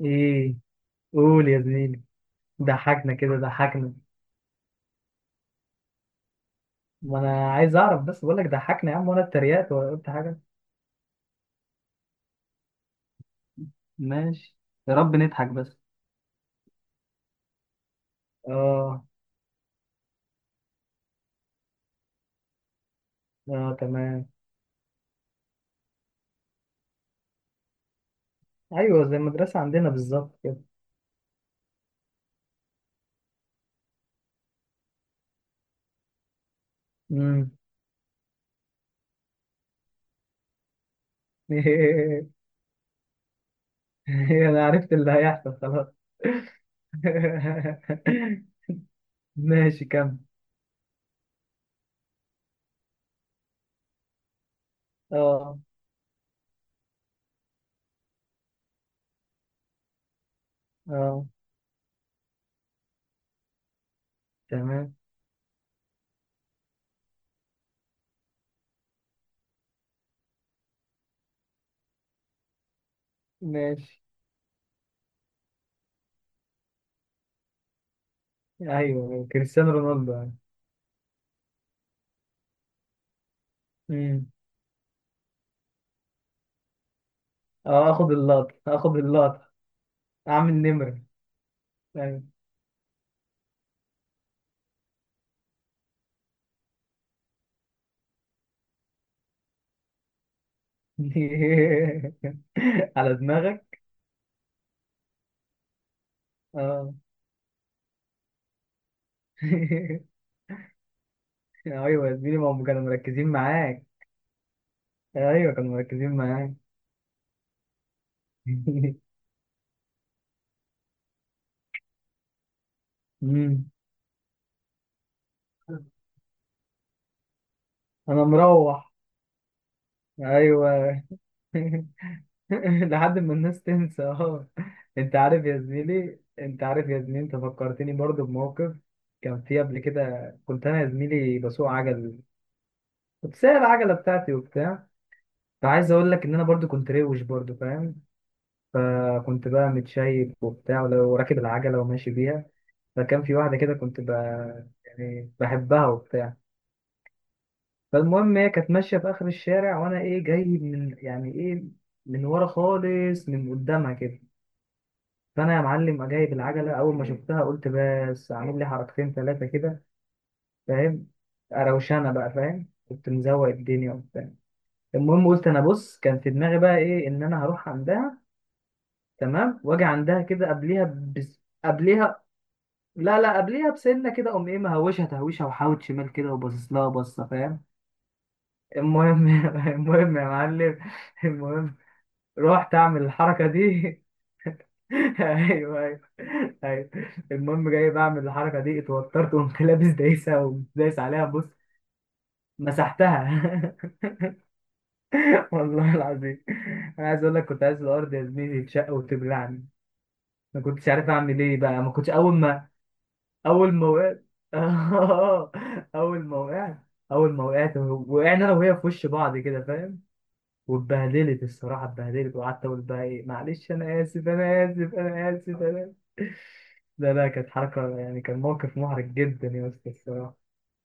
ايه، قول يا زميلي. ضحكنا كده ضحكنا. ما انا عايز اعرف بس، بقول لك ضحكنا يا عم وانا اتريقت ولا قلت حاجه. ماشي، يا رب نضحك بس. اه. اه تمام. ايوه زي المدرسه عندنا بالظبط كده. امم. انا عرفت اللي هيحصل خلاص. ماشي كمل. اه. اه تمام. ماشي. ايوه كريستيانو رونالدو يعني. امم. اه اخد اللقطه اخد اللقطه، اعمل نمره. أيوة. على دماغك. اه. ايوه يا زميلي، ما هم كانوا مركزين معاك. ايوه كانوا مركزين معاك. أمم. انا مروح. ايوه، لحد ما الناس تنسى. اه. انت عارف يا زميلي انت فكرتني برضو بموقف كان فيه قبل كده. كنت انا يا زميلي بسوق عجل، كنت سايق العجله بتاعتي وبتاع. فعايز اقول لك ان انا برضو كنت روش برضو، فاهم؟ فكنت بقى متشيك وبتاع ولو راكب العجلة وماشي بيها. فكان في واحدة كده يعني بحبها وبتاع. فالمهم هي كانت ماشية في آخر الشارع وأنا إيه جاي من يعني إيه، من ورا خالص من قدامها كده. فأنا يا معلم جايب العجلة، أول ما شفتها قلت بس أعمل لي حركتين ثلاثة كده، فاهم؟ أروشانة بقى، فاهم؟ كنت مزوق الدنيا وبتاع. المهم قلت أنا، بص، كان في دماغي بقى إيه، إن أنا هروح عندها، تمام، وأجي عندها كده قبليها. قبليها. لا لا، قبليها بسنة كده، قوم ايه، مهوشة تهويشة وحاوت شمال كده وباصص لها بصة، فاهم؟ المهم المهم يا معلم، المهم رحت اعمل الحركة دي. ايوه ايوه. ايوه. المهم جاي بعمل الحركة دي، اتوترت وقمت لابس دايسة ودايس عليها، بص، مسحتها. والله العظيم انا عايز اقول لك كنت عايز الارض يا زميلي تشق وتبلعني. ما كنتش عارف اعمل ايه بقى. ما كنتش اول ما اول ما وقعت. اول ما وقعت، اول ما وقعت وقعنا انا وهي في وش بعض كده، فاهم؟ واتبهدلت الصراحه، اتبهدلت، وقعدت اقول بقى ايه، معلش انا اسف انا اسف انا اسف انا آسف. لا لا، كانت حركه يعني، كان موقف محرج جدا يا اسطى الصراحه.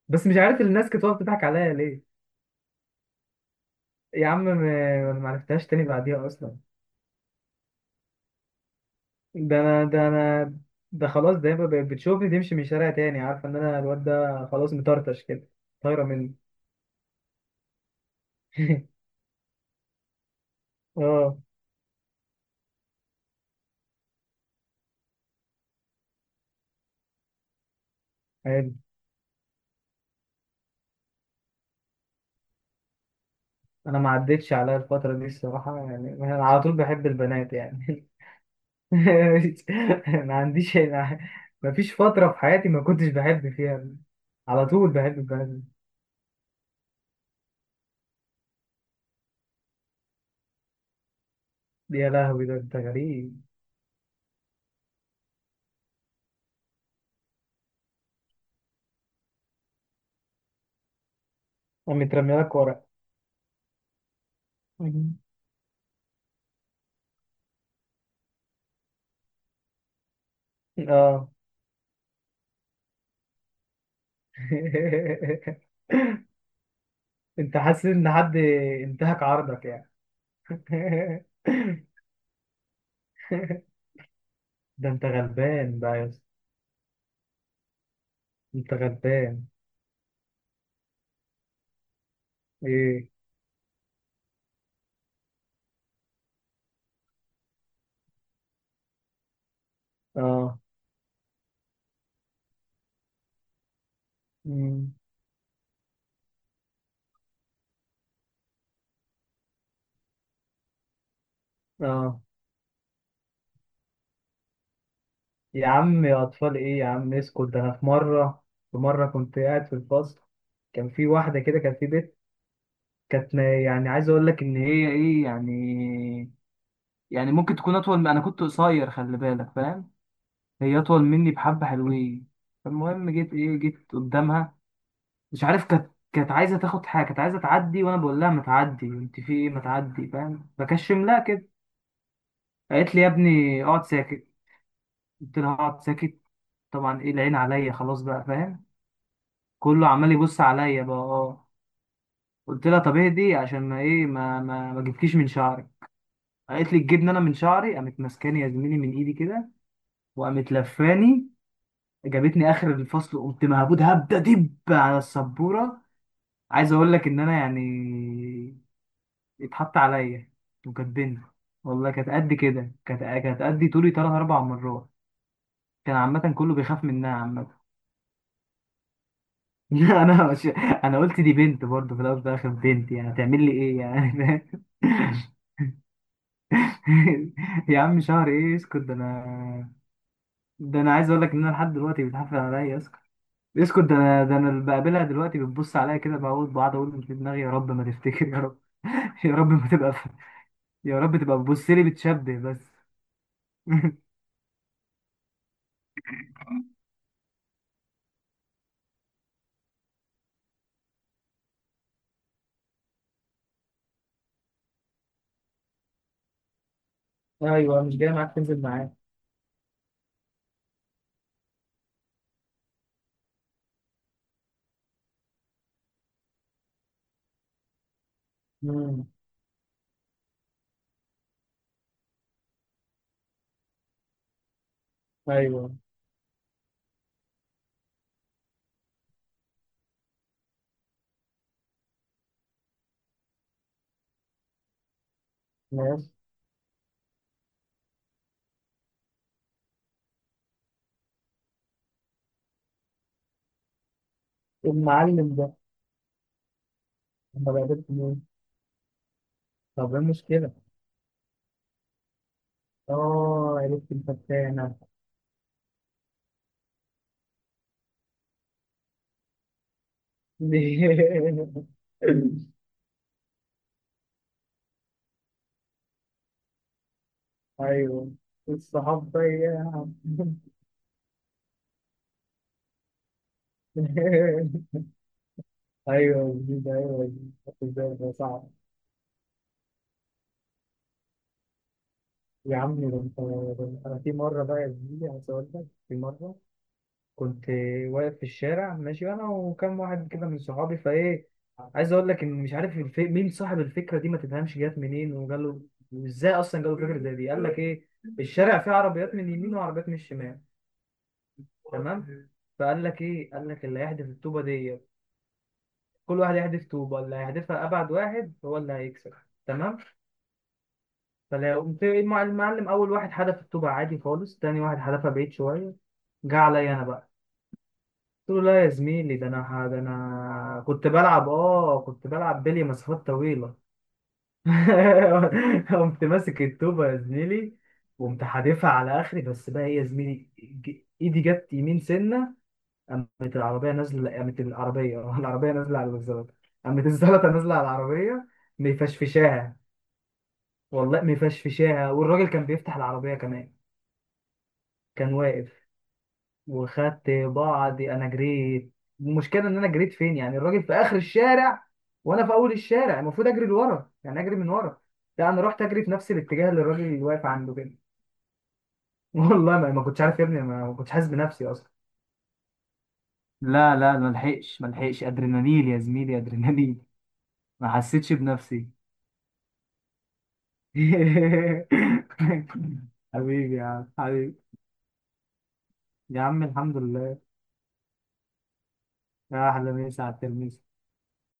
بس مش عارف الناس كانت واقفه تضحك عليا ليه. يا عم ما انا ما عرفتهاش تاني بعديها اصلا. ده انا، ده انا، ده خلاص، ده بقى بقت بتشوفني تمشي من الشارع تاني، عارفه ان انا الواد ده خلاص مطرطش كده، طايره مني. اه. انا ما عدتش عليا الفتره دي الصراحه، يعني انا على طول بحب البنات يعني. ما عنديش، ما فيش فتره في حياتي ما كنتش بحب فيها، على طول بحب البنات. يا لهوي ده انت غريب. أنا مترمي لك ورق. اه. انت حاسس ان حد انتهك عرضك يعني؟ ده انت غلبان بقى يا اسطى، انت غلبان. ايه؟ اه. أمم. اه. يا عم، يا أطفال إيه يا عم، اسكت، ده أنا في مرة، في مرة كنت قاعد في الفصل، كان في واحدة كده، كان في بنت، كانت ما- يعني عايز أقول لك إن هي إيه يعني، يعني ممكن تكون أطول، من أنا كنت قصير خلي بالك، فاهم؟ هي أطول مني بحبة حلوين. فالمهم جيت إيه، جيت قدامها، مش عارف، كانت عايزة تاخد حاجة، كانت عايزة تعدي، وأنا بقول لها ما تعدي، أنت في إيه، ما تعدي، فاهم؟ بكشم لها كده. قالت لي يا ابني اقعد ساكت. قلت لها اقعد ساكت. طبعا إيه، العين عليا خلاص بقى، فاهم؟ كله عمال يبص عليا بقى. اه. قلت لها طب اهدي عشان ما ايه، ما جبتكيش من شعري. قالت لي تجيبني انا من شعري؟ قامت ماسكاني يا زميلي من ايدي كده وقامت لفاني، جابتني اخر الفصل، قمت مهبود هبده دب على السبوره. عايز اقول لك ان انا يعني اتحط عليا وكاتبني. والله كانت قد كده، كانت قد طولي ثلاث اربع مرات. كان عامه كله بيخاف منها عامه. انا مش... انا قلت دي بنت، برضه في الاول وفي الاخر بنت، يعني هتعمل لي ايه يعني؟ يا عم شهر ايه، اسكت، ده انا، ده انا عايز اقول لك ان انا لحد دلوقتي بتحفل عليا، اسكت. اسكت، ده انا، ده انا اللي بقابلها دلوقتي بتبص عليا كده، بقعد بقعد اقول في دماغي يا رب ما تفتكر، يا رب. يا رب ما تبقى ف... يا رب تبقى بتبص لي بتشبه بس. ايوه مش جاي معاك تنزل معاه. امم. ايوه. ماشي. المعلم ده، انا بقابلت مين؟ طب ايه المشكله؟ اه عرفت الفتانه. ايوه الصحاب ده يا عم. ايوه يا زميلي، ايوه يا زميلي خدت بالي ده صعب. يا عمي ده انت، ده انا في مره بقى يا زميلي، عايز اقول لك في مره كنت واقف في الشارع ماشي انا وكم واحد كده من صحابي، فايه، عايز اقول لك ان مش عارف مين صاحب الفكره دي، ما تفهمش جت منين وجاله، وازاي اصلا جاله فكره زي دي. قال لك ايه، الشارع فيه عربيات من اليمين وعربيات من الشمال، تمام؟ فقال لك ايه، قال لك اللي هيحدف الطوبه ديت، كل واحد يحدف طوبه، اللي هيحدفها ابعد واحد هو اللي هيكسب. تمام. فقمت المعلم، أول واحد حدف الطوبة عادي خالص، تاني واحد حدفها بعيد شوية، جه عليا أنا بقى. قلت له لا يا زميلي، ده أنا كنت بلعب بلي مسافات طويلة. قمت ماسك الطوبة يا زميلي، وقمت حادفها على آخري، بس بقى إيه يا زميلي، إيدي جت يمين سنة. قامت العربية، آه، العربية نازلة على الزلطة، قامت الزلطة نازلة على العربية، مفشفشاها. والله مفشفشاها، والراجل كان بيفتح العربية كمان، كان واقف. وخدت بعضي انا جريت. المشكله ان انا جريت فين يعني، الراجل في اخر الشارع وانا في اول الشارع، المفروض اجري لورا يعني، اجري من ورا، لا انا رحت اجري في نفس الاتجاه اللي الراجل اللي واقف عنده كده. والله ما كنتش عارف يا ابني، ما كنتش حاسس بنفسي اصلا. لا لا، ما لحقش، ادرينالين يا زميلي، ادرينالين، ما حسيتش بنفسي. حبيبي يا عم حبيبي. يا عم الحمد لله. يا احلى مسا على التلميذ.